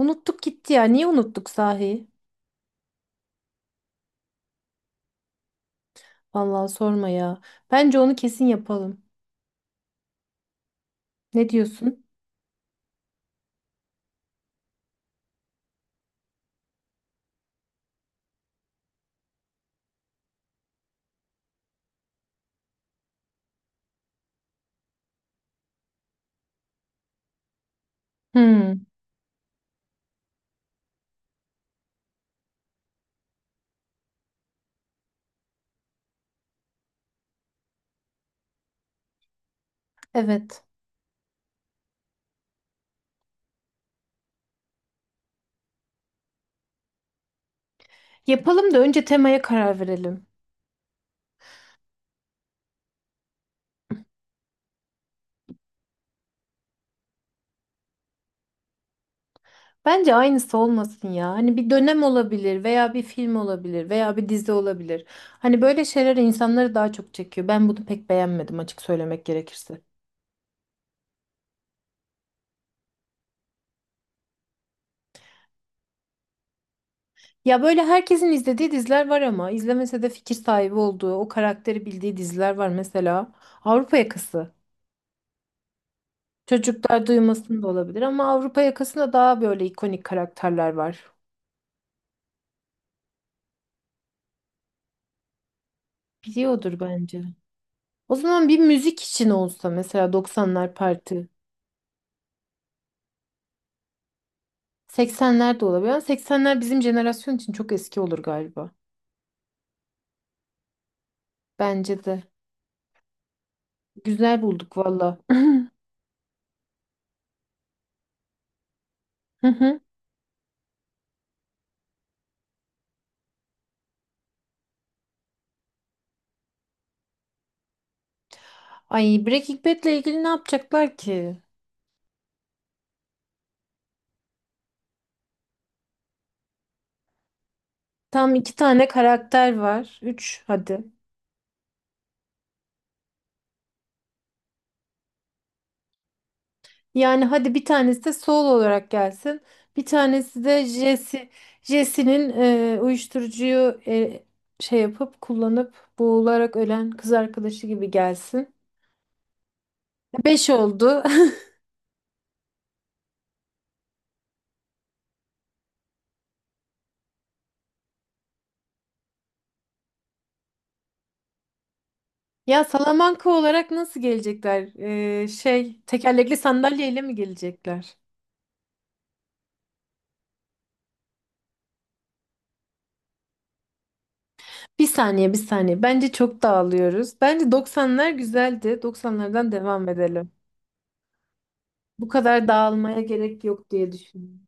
Unuttuk gitti ya. Niye unuttuk sahi? Vallahi sorma ya. Bence onu kesin yapalım. Ne diyorsun? Hmm, evet. Yapalım da önce temaya karar verelim. Bence aynısı olmasın ya. Hani bir dönem olabilir veya bir film olabilir veya bir dizi olabilir. Hani böyle şeyler insanları daha çok çekiyor. Ben bunu pek beğenmedim açık söylemek gerekirse. Ya böyle herkesin izlediği diziler var ama izlemese de fikir sahibi olduğu, o karakteri bildiği diziler var. Mesela Avrupa Yakası. Çocuklar duymasın da olabilir ama Avrupa yakasında daha böyle ikonik karakterler var. Biliyordur bence. O zaman bir müzik için olsa mesela 90'lar parti. 80'ler de olabilir ama 80'ler bizim jenerasyon için çok eski olur galiba. Bence de. Güzel bulduk valla. Hı hı. Ay Breaking Bad'le ilgili ne yapacaklar ki? Tam iki tane karakter var. Üç hadi. Yani hadi bir tanesi de Saul olarak gelsin. Bir tanesi de Jesse. Jesse'nin uyuşturucuyu şey yapıp kullanıp boğularak ölen kız arkadaşı gibi gelsin. Beş oldu. Ya Salamanca olarak nasıl gelecekler? Şey tekerlekli sandalyeyle mi gelecekler? Bir saniye bir saniye. Bence çok dağılıyoruz. Bence 90'lar güzeldi. 90'lardan devam edelim. Bu kadar dağılmaya gerek yok diye düşünüyorum.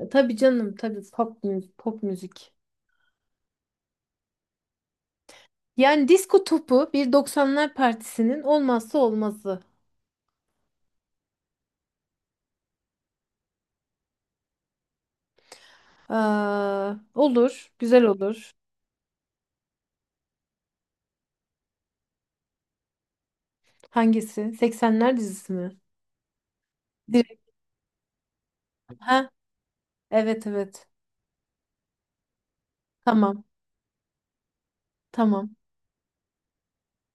Tabii canım, tabii pop müzik, pop müzik. Yani disko topu bir doksanlar partisinin olmazsa olmazı. Aa, olur, güzel olur. Hangisi? Seksenler dizisi mi? Direkt. Ha? Evet evet. Tamam. Tamam.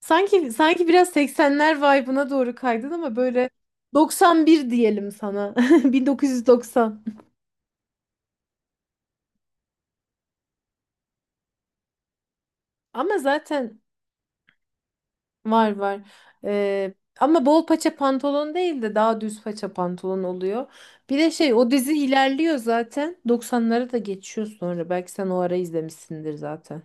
Sanki sanki biraz seksenler vibe'ına doğru kaydın ama böyle doksan bir diyelim sana. 1990. Ama zaten var var. Ee, Ama bol paça pantolon değil de daha düz paça pantolon oluyor. Bir de şey o dizi ilerliyor zaten. 90'lara da geçiyor sonra. Belki sen o ara izlemişsindir zaten.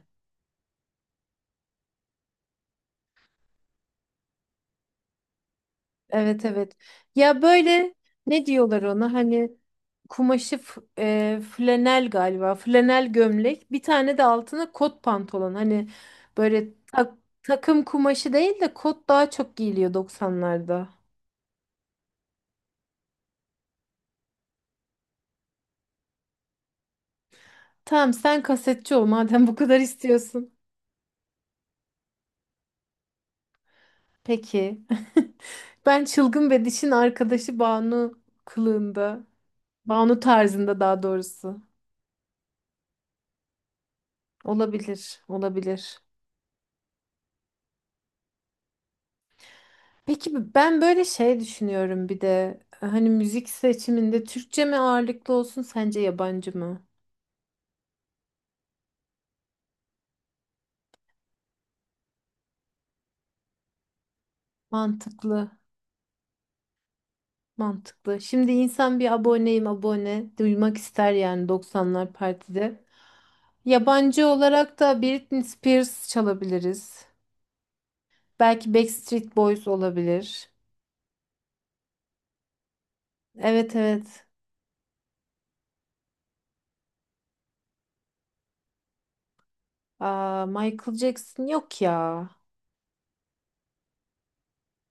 Evet evet. Ya böyle ne diyorlar ona hani kumaşı flanel galiba. Flanel gömlek. Bir tane de altına kot pantolon. Hani böyle takım kumaşı değil de kot daha çok giyiliyor 90'larda. Tamam sen kasetçi ol madem bu kadar istiyorsun. Peki. Ben çılgın ve dişin arkadaşı Banu kılığında. Banu tarzında daha doğrusu. Olabilir, olabilir. Peki ben böyle şey düşünüyorum bir de. Hani müzik seçiminde Türkçe mi ağırlıklı olsun sence yabancı mı? Mantıklı, mantıklı. Şimdi insan bir aboneyim abone duymak ister yani 90'lar partide. Yabancı olarak da Britney Spears çalabiliriz. Belki Backstreet Boys olabilir. Evet evet. Aa, Michael Jackson yok ya.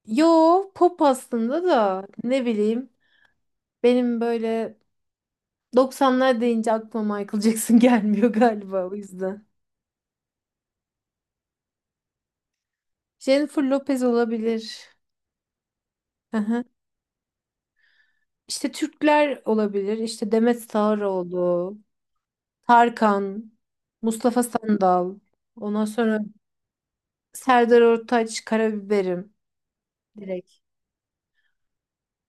Yo pop aslında da ne bileyim. Benim böyle doksanlar deyince aklıma Michael Jackson gelmiyor galiba o yüzden. Jennifer Lopez olabilir. Aha. İşte Türkler olabilir. İşte Demet Sağaroğlu, Tarkan, Mustafa Sandal. Ondan sonra Serdar Ortaç, Karabiberim. Direkt.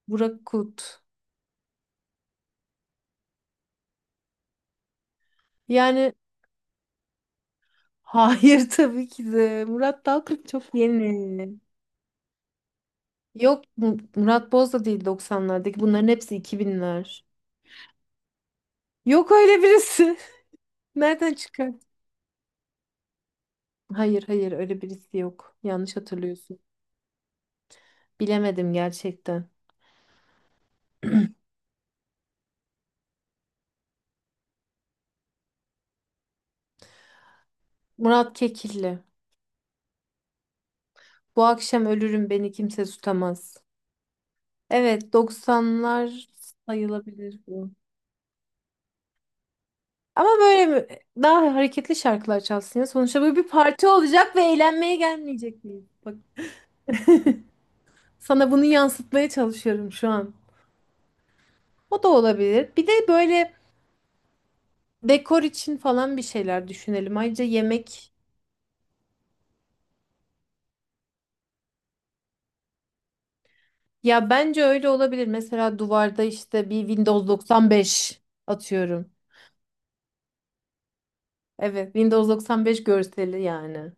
Burak Kut. Yani hayır tabii ki de. Murat Dalkılıç çok yeni. Yok Mu- Murat Boz da değil 90'lardaki. Bunların hepsi iki binler. Yok öyle birisi. Nereden çıkar? Hayır hayır öyle birisi yok. Yanlış hatırlıyorsun. Bilemedim gerçekten. Murat Kekilli. Bu akşam ölürüm beni kimse tutamaz. Evet doksanlar sayılabilir bu. Ama böyle daha hareketli şarkılar çalsın ya. Sonuçta bu bir parti olacak ve eğlenmeye gelmeyecek miyiz? Bak sana bunu yansıtmaya çalışıyorum şu an. O da olabilir. Bir de böyle dekor için falan bir şeyler düşünelim. Ayrıca yemek ya bence öyle olabilir. Mesela duvarda işte bir Windows 95 atıyorum. Evet, Windows 95 görseli yani.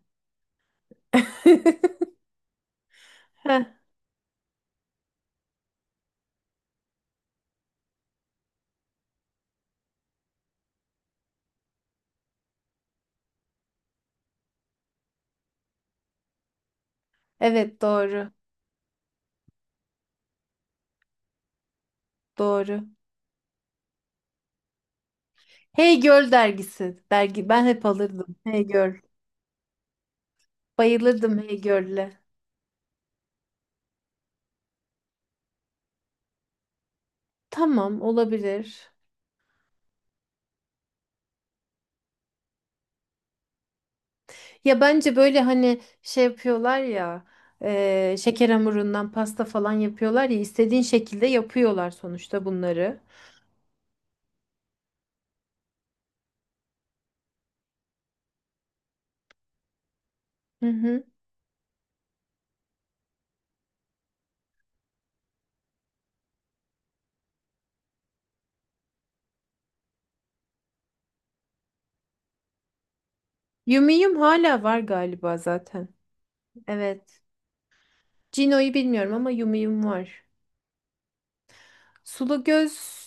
Heh, evet doğru. Doğru. Hey Girl dergisi. Dergi ben hep alırdım. Hey Girl. Bayılırdım Hey Girl'le. Tamam olabilir. Ya bence böyle hani şey yapıyorlar ya şeker hamurundan pasta falan yapıyorlar ya istediğin şekilde yapıyorlar sonuçta bunları. Hı hı. Yumiyum hala var galiba zaten. Evet. Cino'yu bilmiyorum ama Yumiyum var. Sulu göz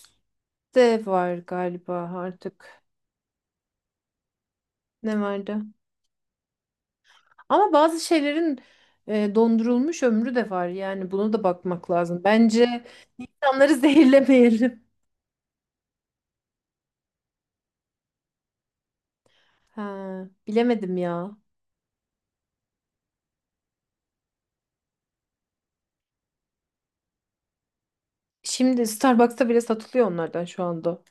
de var galiba artık. Ne vardı? Ama bazı şeylerin dondurulmuş ömrü de var. Yani bunu da bakmak lazım. Bence insanları zehirlemeyelim. Ha, bilemedim ya. Şimdi Starbucks'ta bile satılıyor onlardan şu anda.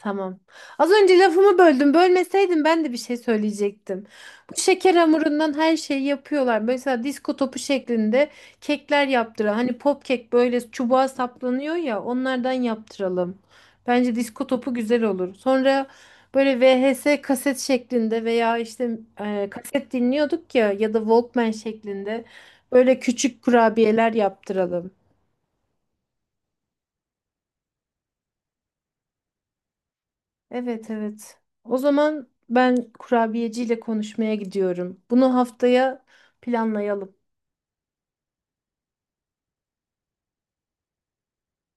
Tamam. Az önce lafımı böldüm. Bölmeseydin ben de bir şey söyleyecektim. Bu şeker hamurundan her şeyi yapıyorlar. Mesela disko topu şeklinde kekler yaptıran. Hani pop kek böyle çubuğa saplanıyor ya onlardan yaptıralım. Bence disko topu güzel olur. Sonra böyle VHS kaset şeklinde veya işte kaset dinliyorduk ya ya da Walkman şeklinde böyle küçük kurabiyeler yaptıralım. Evet evet. O zaman ben kurabiyeciyle konuşmaya gidiyorum. Bunu haftaya planlayalım.